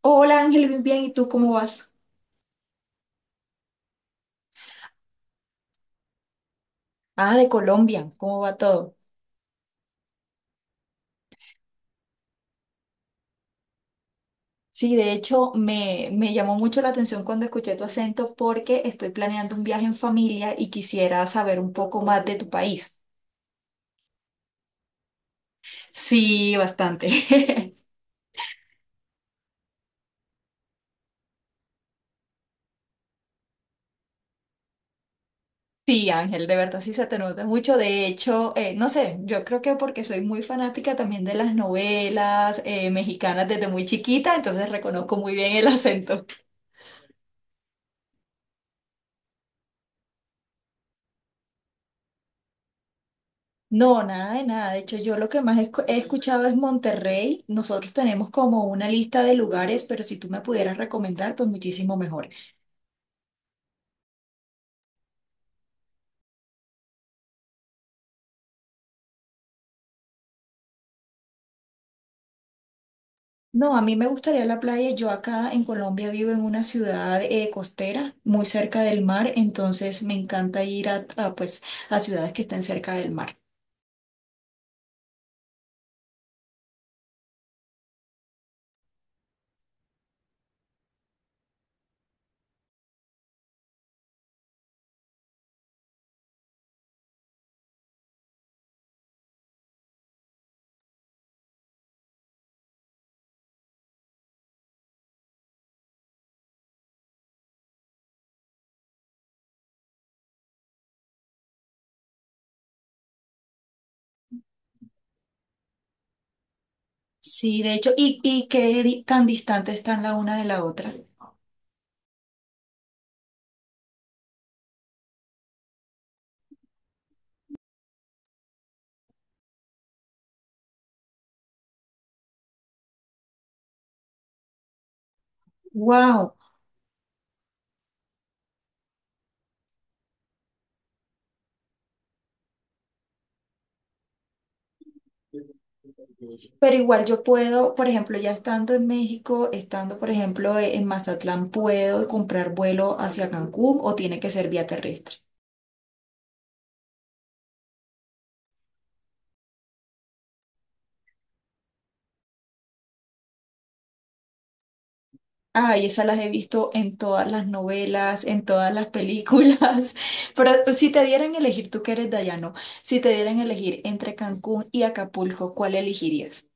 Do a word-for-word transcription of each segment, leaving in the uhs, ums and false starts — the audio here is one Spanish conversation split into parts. Hola Ángel, bien, bien, ¿y tú cómo vas? Ah, de Colombia, ¿cómo va todo? Sí, de hecho me, me llamó mucho la atención cuando escuché tu acento porque estoy planeando un viaje en familia y quisiera saber un poco más de tu país. Sí, bastante. Sí, Ángel, de verdad sí se te nota mucho. De hecho, eh, no sé, yo creo que porque soy muy fanática también de las novelas eh, mexicanas desde muy chiquita, entonces reconozco muy bien el acento. No, nada de nada. De hecho, yo lo que más escu- he escuchado es Monterrey. Nosotros tenemos como una lista de lugares, pero si tú me pudieras recomendar, pues muchísimo mejor. No, a mí me gustaría la playa. Yo acá en Colombia vivo en una ciudad eh, costera, muy cerca del mar, entonces me encanta ir a, a, pues, a ciudades que estén cerca del mar. Sí, de hecho, ¿y, y qué di- tan distantes están la una de la otra? ¡Wow! Pero igual yo puedo, por ejemplo, ya estando en México, estando, por ejemplo, e- en Mazatlán, puedo comprar vuelo hacia Cancún o tiene que ser vía terrestre. Ay, esas las he visto en todas las novelas, en todas las películas. Pero pues, si te dieran a elegir, tú que eres dayano, si te dieran a elegir entre Cancún y Acapulco, ¿cuál elegirías?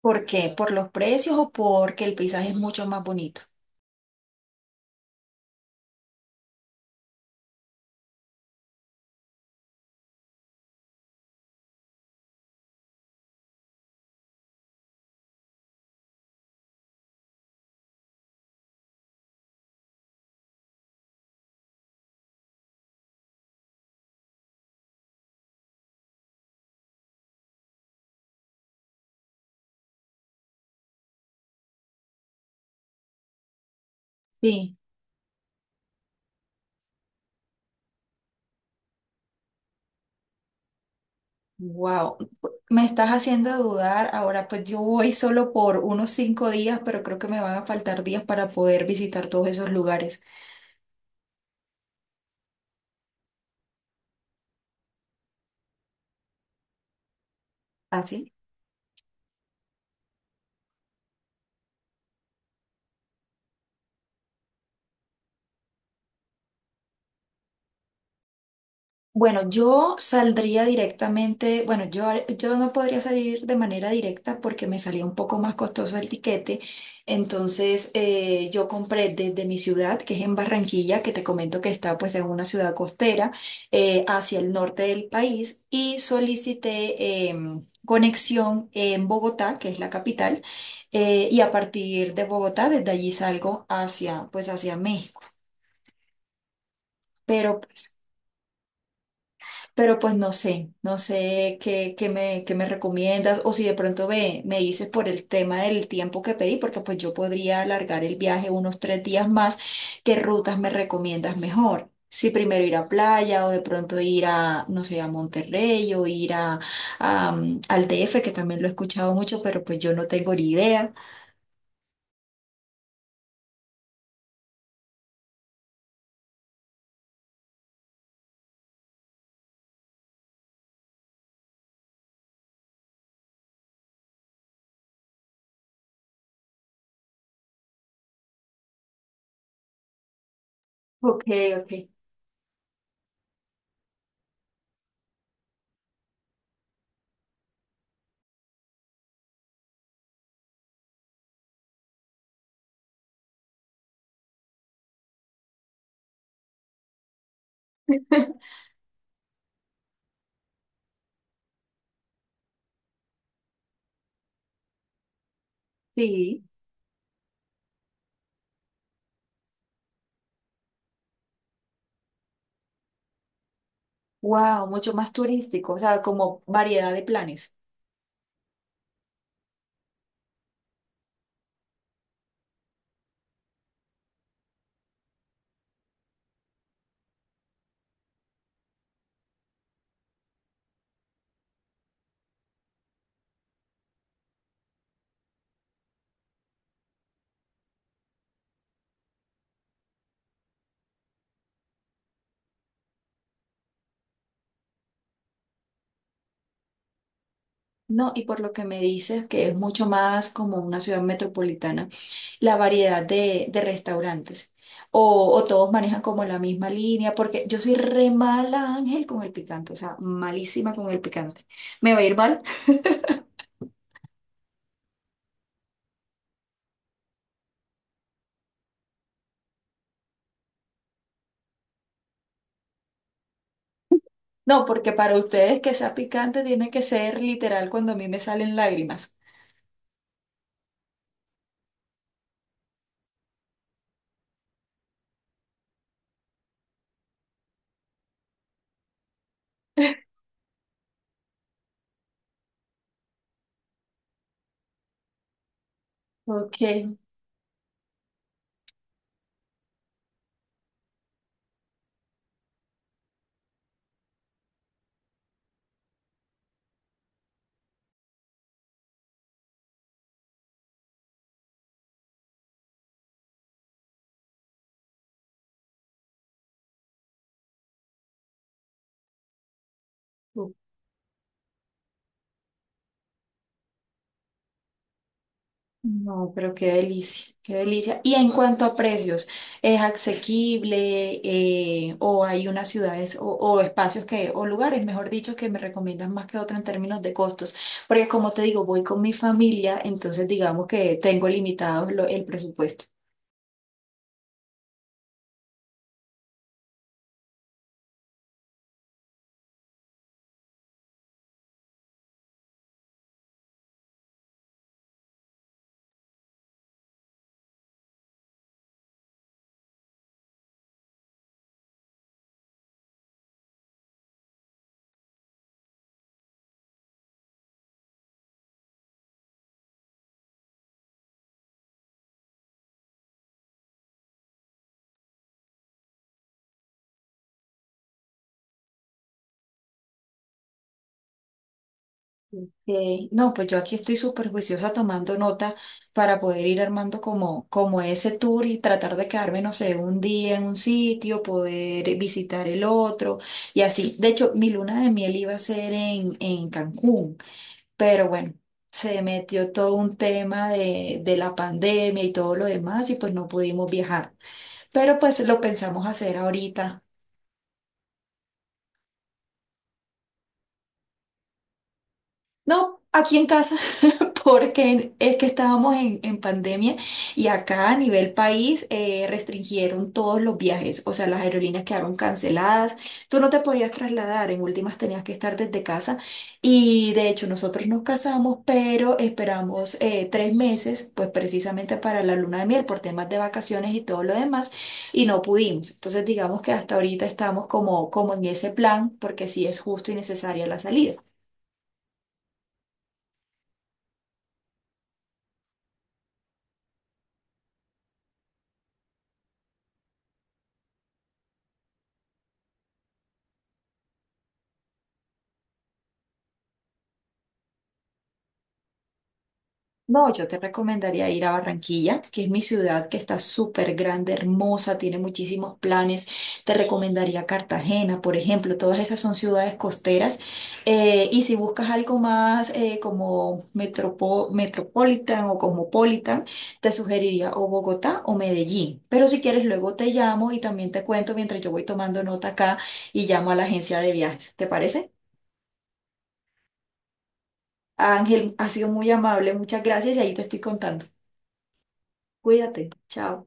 ¿Por qué? ¿Por los precios o porque el paisaje es mucho más bonito? Sí. Wow, me estás haciendo dudar. Ahora, pues yo voy solo por unos cinco días, pero creo que me van a faltar días para poder visitar todos esos lugares. ¿Así? Bueno, yo saldría directamente, bueno, yo, har- yo no podría salir de manera directa porque me salía un poco más costoso el tiquete. Entonces, eh, yo compré desde mi ciudad, que es en Barranquilla, que te comento que está pues en una ciudad costera, eh, hacia el norte del país y solicité em, conexión en Bogotá, que es la capital, eh, y a partir de Bogotá, desde allí salgo hacia, pues hacia México. Pero pues, Pero pues no sé, no sé qué, qué me, qué me recomiendas o si de pronto me, me dices por el tema del tiempo que pedí, porque pues yo podría alargar el viaje unos tres días más, ¿qué rutas me recomiendas mejor? Si primero ir a playa o de pronto ir a, no sé, a Monterrey o ir a, a, mm, al D F, que también lo he escuchado mucho, pero pues yo no tengo ni idea. Ok, ok. Sí, wow, mucho más turístico, o sea, como variedad de planes. No, y por lo que me dices, que es mucho más como una ciudad metropolitana, la variedad de, de restaurantes. O, o todos manejan como la misma línea, porque yo soy re mala, Ángel, con el picante, o sea, malísima con el picante. ¿Me va a ir mal? No, porque para ustedes que sea picante tiene que ser literal cuando a mí me salen lágrimas. Ok, no, pero qué delicia, qué delicia. Y en cuanto a precios, ¿es asequible eh, o hay unas ciudades o, o espacios que, o lugares, mejor dicho, que me recomiendan más que otro en términos de costos? Porque como te digo, voy con mi familia, entonces digamos que tengo limitado lo- el presupuesto. Eh, no, pues yo aquí estoy súper juiciosa tomando nota para poder ir armando como, como ese tour y tratar de quedarme, no sé, un día en un sitio, poder visitar el otro y así. De hecho, mi luna de miel iba a ser en, en Cancún, pero bueno, se metió todo un tema de, de la pandemia y todo lo demás y pues no pudimos viajar. Pero pues lo pensamos hacer ahorita. No, aquí en casa, porque es que estábamos en, en pandemia y acá a nivel país eh, restringieron todos los viajes, o sea, las aerolíneas quedaron canceladas, tú no te podías trasladar, en últimas tenías que estar desde casa y de hecho nosotros nos casamos, pero esperamos eh, tres meses, pues precisamente para la luna de miel por temas de vacaciones y todo lo demás y no pudimos. Entonces digamos que hasta ahorita estamos como, como en ese plan, porque sí es justo y necesaria la salida. No, yo te recomendaría ir a Barranquilla, que es mi ciudad, que está súper grande, hermosa, tiene muchísimos planes. Te recomendaría Cartagena, por ejemplo, todas esas son ciudades costeras. Eh, y si buscas algo más eh, como metropo- metropolitan o cosmopolitan, te sugeriría o Bogotá o Medellín. Pero si quieres, luego te llamo y también te cuento mientras yo voy tomando nota acá y llamo a la agencia de viajes. ¿Te parece? Ángel, ha sido muy amable, muchas gracias y ahí te estoy contando. Cuídate, chao.